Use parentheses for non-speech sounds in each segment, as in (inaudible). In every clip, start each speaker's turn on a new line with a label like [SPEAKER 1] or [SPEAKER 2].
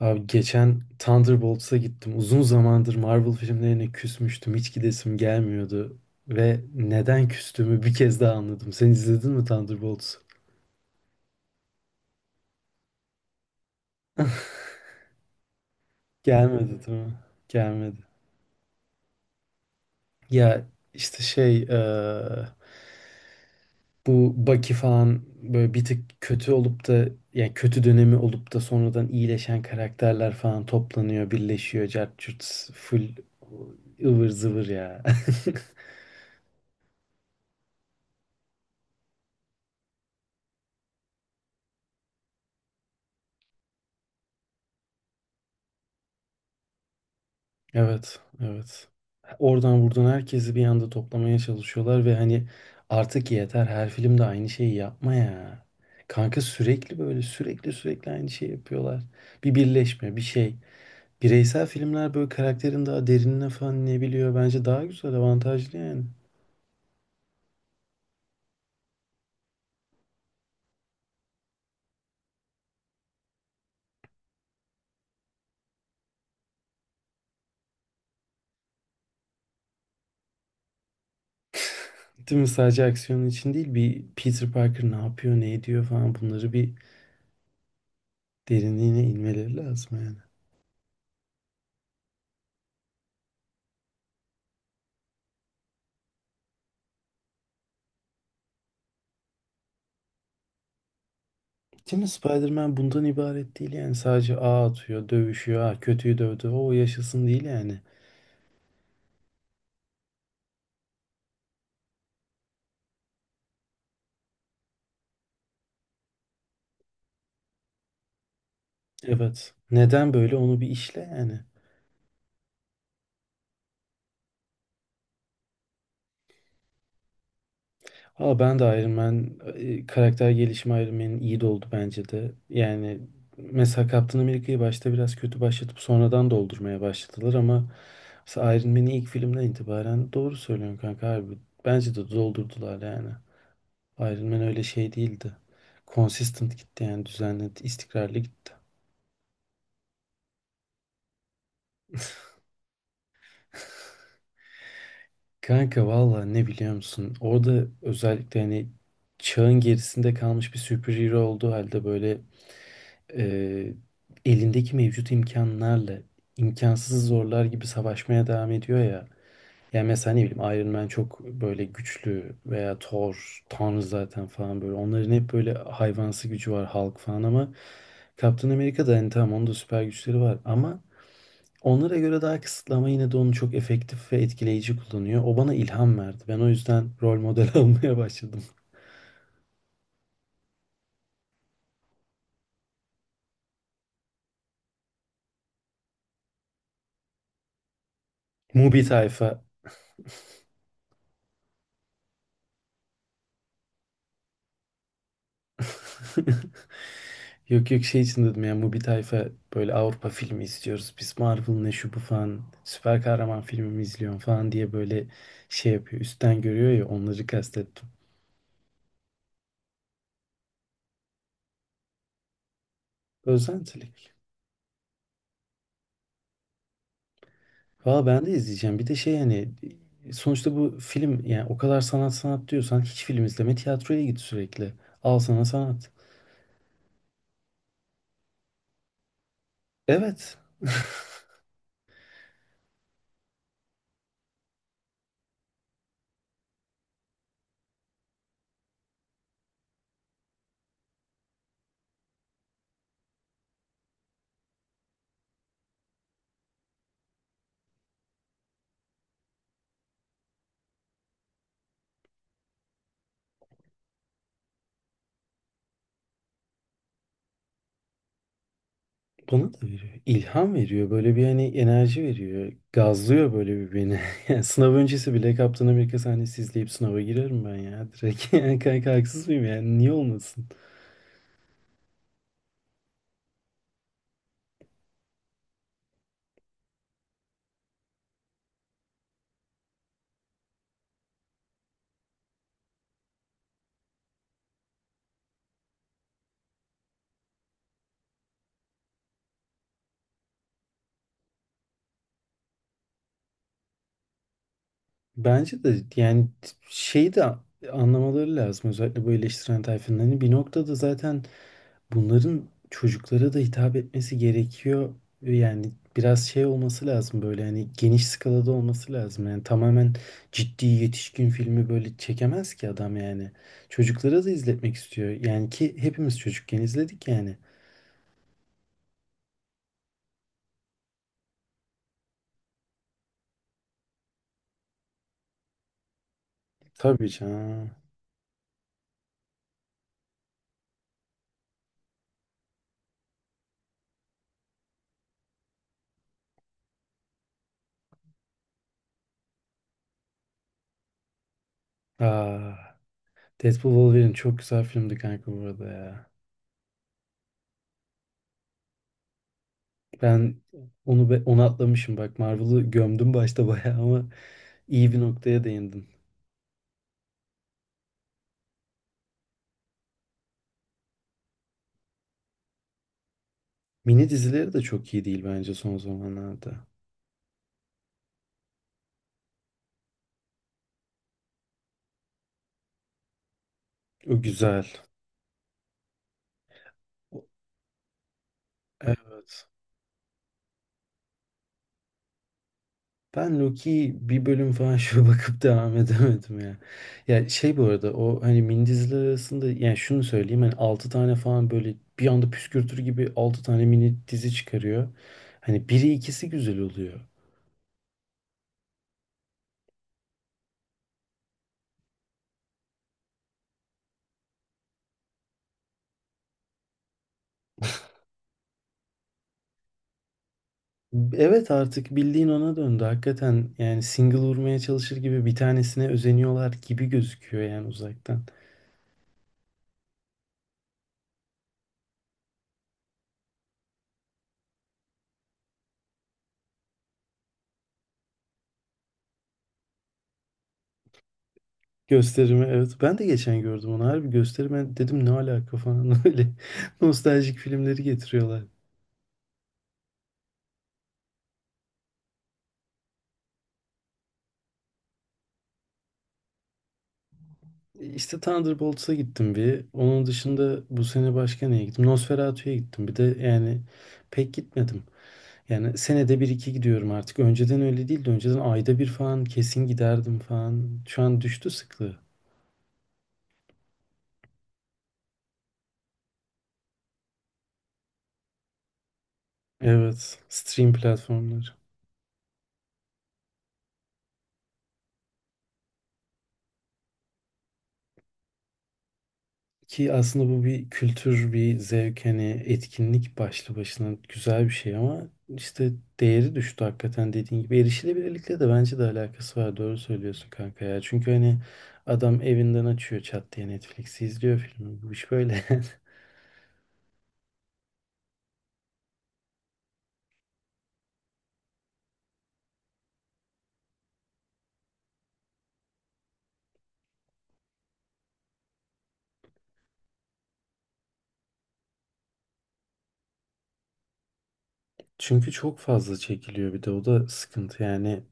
[SPEAKER 1] Abi geçen Thunderbolts'a gittim. Uzun zamandır Marvel filmlerine küsmüştüm. Hiç gidesim gelmiyordu. Ve neden küstüğümü bir kez daha anladım. Sen izledin mi Thunderbolts'u? Gelmedi değil mi? Gelmedi. Ya işte şey bu Bucky falan böyle bir tık kötü olup da yani kötü dönemi olup da sonradan iyileşen karakterler falan toplanıyor, birleşiyor. Cart curt full ıvır zıvır ya. (laughs) Evet, evet. Oradan buradan herkesi bir anda toplamaya çalışıyorlar ve hani artık yeter her filmde aynı şeyi yapma ya. Kanka sürekli böyle sürekli sürekli aynı şeyi yapıyorlar. Bir birleşme, bir şey. Bireysel filmler böyle karakterin daha derinine falan ne biliyor. Bence daha güzel, avantajlı yani. (laughs) Değil mi? Sadece aksiyonun için değil bir Peter Parker ne yapıyor, ne ediyor falan bunları bir derinliğine inmeleri lazım yani. Değil mi? Spider-Man bundan ibaret değil yani. Sadece ağ atıyor, dövüşüyor. Ha, kötüyü dövdü. O yaşasın değil yani. Evet. Neden böyle onu bir işle yani. Aa ben de Iron Man karakter gelişimi Iron Man'in iyi de oldu bence de. Yani mesela Captain America'yı başta biraz kötü başlatıp sonradan doldurmaya başladılar ama mesela Iron Man'i ilk filmden itibaren doğru söylüyorsun kanka abi. Bence de doldurdular yani. Iron Man öyle şey değildi. Consistent gitti yani düzenli, istikrarlı gitti. Kanka valla ne biliyor musun? Orada özellikle hani çağın gerisinde kalmış bir superhero olduğu halde böyle e, elindeki mevcut imkanlarla imkansız zorlar gibi savaşmaya devam ediyor ya. Yani mesela ne bileyim Iron Man çok böyle güçlü veya Thor, Tanrı zaten falan böyle. Onların hep böyle hayvansı gücü var Hulk falan ama Captain America'da hani tamam onun da süper güçleri var ama onlara göre daha kısıtlı ama yine de onu çok efektif ve etkileyici kullanıyor. O bana ilham verdi. Ben o yüzden rol model (laughs) almaya başladım. Mubi tayfa. (laughs) Yok yok şey için dedim ya Mubi tayfa böyle Avrupa filmi istiyoruz. Biz Marvel ne şu bu falan süper kahraman filmi mi izliyorsun falan diye böyle şey yapıyor. Üstten görüyor ya onları kastettim. Özentilik. Valla ben de izleyeceğim. Bir de şey hani sonuçta bu film yani o kadar sanat sanat diyorsan hiç film izleme tiyatroya git sürekli. Al sana sanat. Evet. (laughs) Bana da veriyor. İlham veriyor. Böyle bir hani enerji veriyor. Gazlıyor böyle bir beni. (laughs) Yani sınav öncesi bile Kaptan Amerika sahnesi izleyip sınava girerim ben ya. Direkt (laughs) yani kanka haksız mıyım yani? Niye olmasın? Bence de yani şeyi de anlamaları lazım. Özellikle bu eleştiren tayfanın. Hani bir noktada zaten bunların çocuklara da hitap etmesi gerekiyor. Yani biraz şey olması lazım böyle hani geniş skalada olması lazım. Yani tamamen ciddi yetişkin filmi böyle çekemez ki adam yani. Çocuklara da izletmek istiyor. Yani ki hepimiz çocukken izledik yani. Tabii canım. Aa, Deadpool Wolverine çok güzel filmdi kanka bu arada ya. Ben onu atlamışım bak Marvel'ı gömdüm başta bayağı ama iyi bir noktaya değindim. Mini dizileri de çok iyi değil bence son zamanlarda. O güzel. Evet. Ben Loki'yi bir bölüm falan (laughs) şöyle bakıp devam edemedim ya. Ya şey bu arada o hani mindizler arasında yani şunu söyleyeyim hani 6 tane falan böyle bir anda püskürtür gibi 6 tane mini dizi çıkarıyor. Hani biri ikisi güzel oluyor. Evet artık bildiğin ona döndü. Hakikaten yani single vurmaya çalışır gibi bir tanesine özeniyorlar gibi gözüküyor yani uzaktan. Gösterimi evet. Ben de geçen gördüm onu. Harbi gösterime dedim ne alaka falan (laughs) öyle. Nostaljik filmleri getiriyorlar. İşte Thunderbolts'a gittim bir. Onun dışında bu sene başka neye gittim? Nosferatu'ya gittim. Bir de yani pek gitmedim. Yani senede bir iki gidiyorum artık. Önceden öyle değildi. Önceden ayda bir falan kesin giderdim falan. Şu an düştü sıklığı. Evet. Stream platformları. Ki aslında bu bir kültür, bir zevk, hani etkinlik başlı başına güzel bir şey ama işte değeri düştü hakikaten dediğin gibi. Erişilebilirlikle de bence de alakası var. Doğru söylüyorsun kanka ya. Çünkü hani adam evinden açıyor çat diye Netflix'i izliyor filmi. Bu iş böyle. (laughs) Çünkü çok fazla çekiliyor bir de o da sıkıntı yani.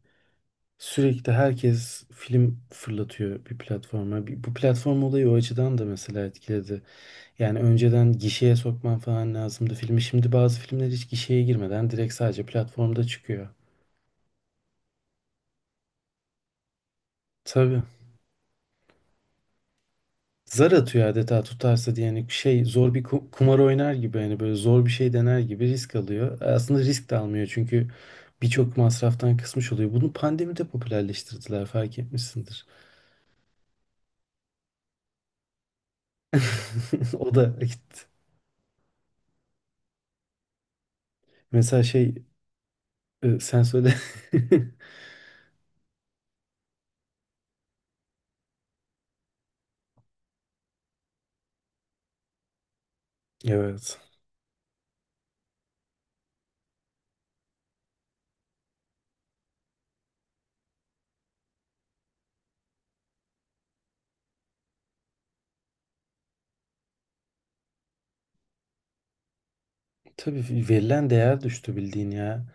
[SPEAKER 1] Sürekli herkes film fırlatıyor bir platforma. Bu platform olayı o açıdan da mesela etkiledi. Yani önceden gişeye sokman falan lazımdı filmi. Şimdi bazı filmler hiç gişeye girmeden direkt sadece platformda çıkıyor. Tabii. Zar atıyor adeta tutarsa diye yani şey zor kumar oynar gibi hani böyle zor bir şey dener gibi risk alıyor. Aslında risk de almıyor çünkü birçok masraftan kısmış oluyor. Bunu pandemide popülerleştirdiler fark etmişsindir. (laughs) O da gitti. Mesela şey sen söyle. (laughs) Evet. Tabii verilen değer düştü bildiğin ya.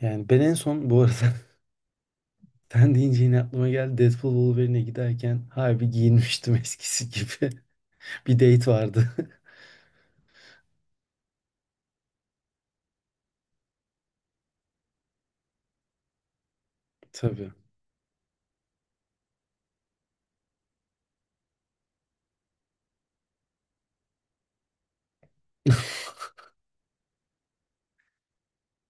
[SPEAKER 1] Yani ben en son bu arada (laughs) sen deyince yine aklıma geldi. Deadpool Wolverine'e giderken harbi giyinmiştim eskisi gibi. (laughs) Bir date vardı. (laughs) Tabii.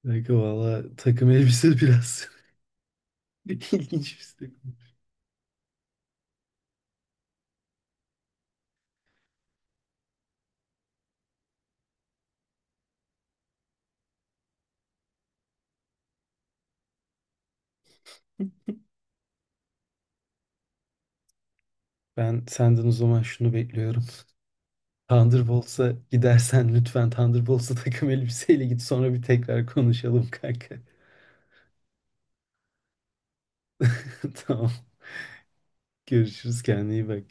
[SPEAKER 1] Kanka valla takım elbise biraz (laughs) ilginç bir takım. Ben senden o zaman şunu bekliyorum. Thunderbolts'a gidersen lütfen Thunderbolts'a takım elbiseyle git sonra bir tekrar konuşalım kanka. (laughs) Tamam. Görüşürüz kendine iyi bak.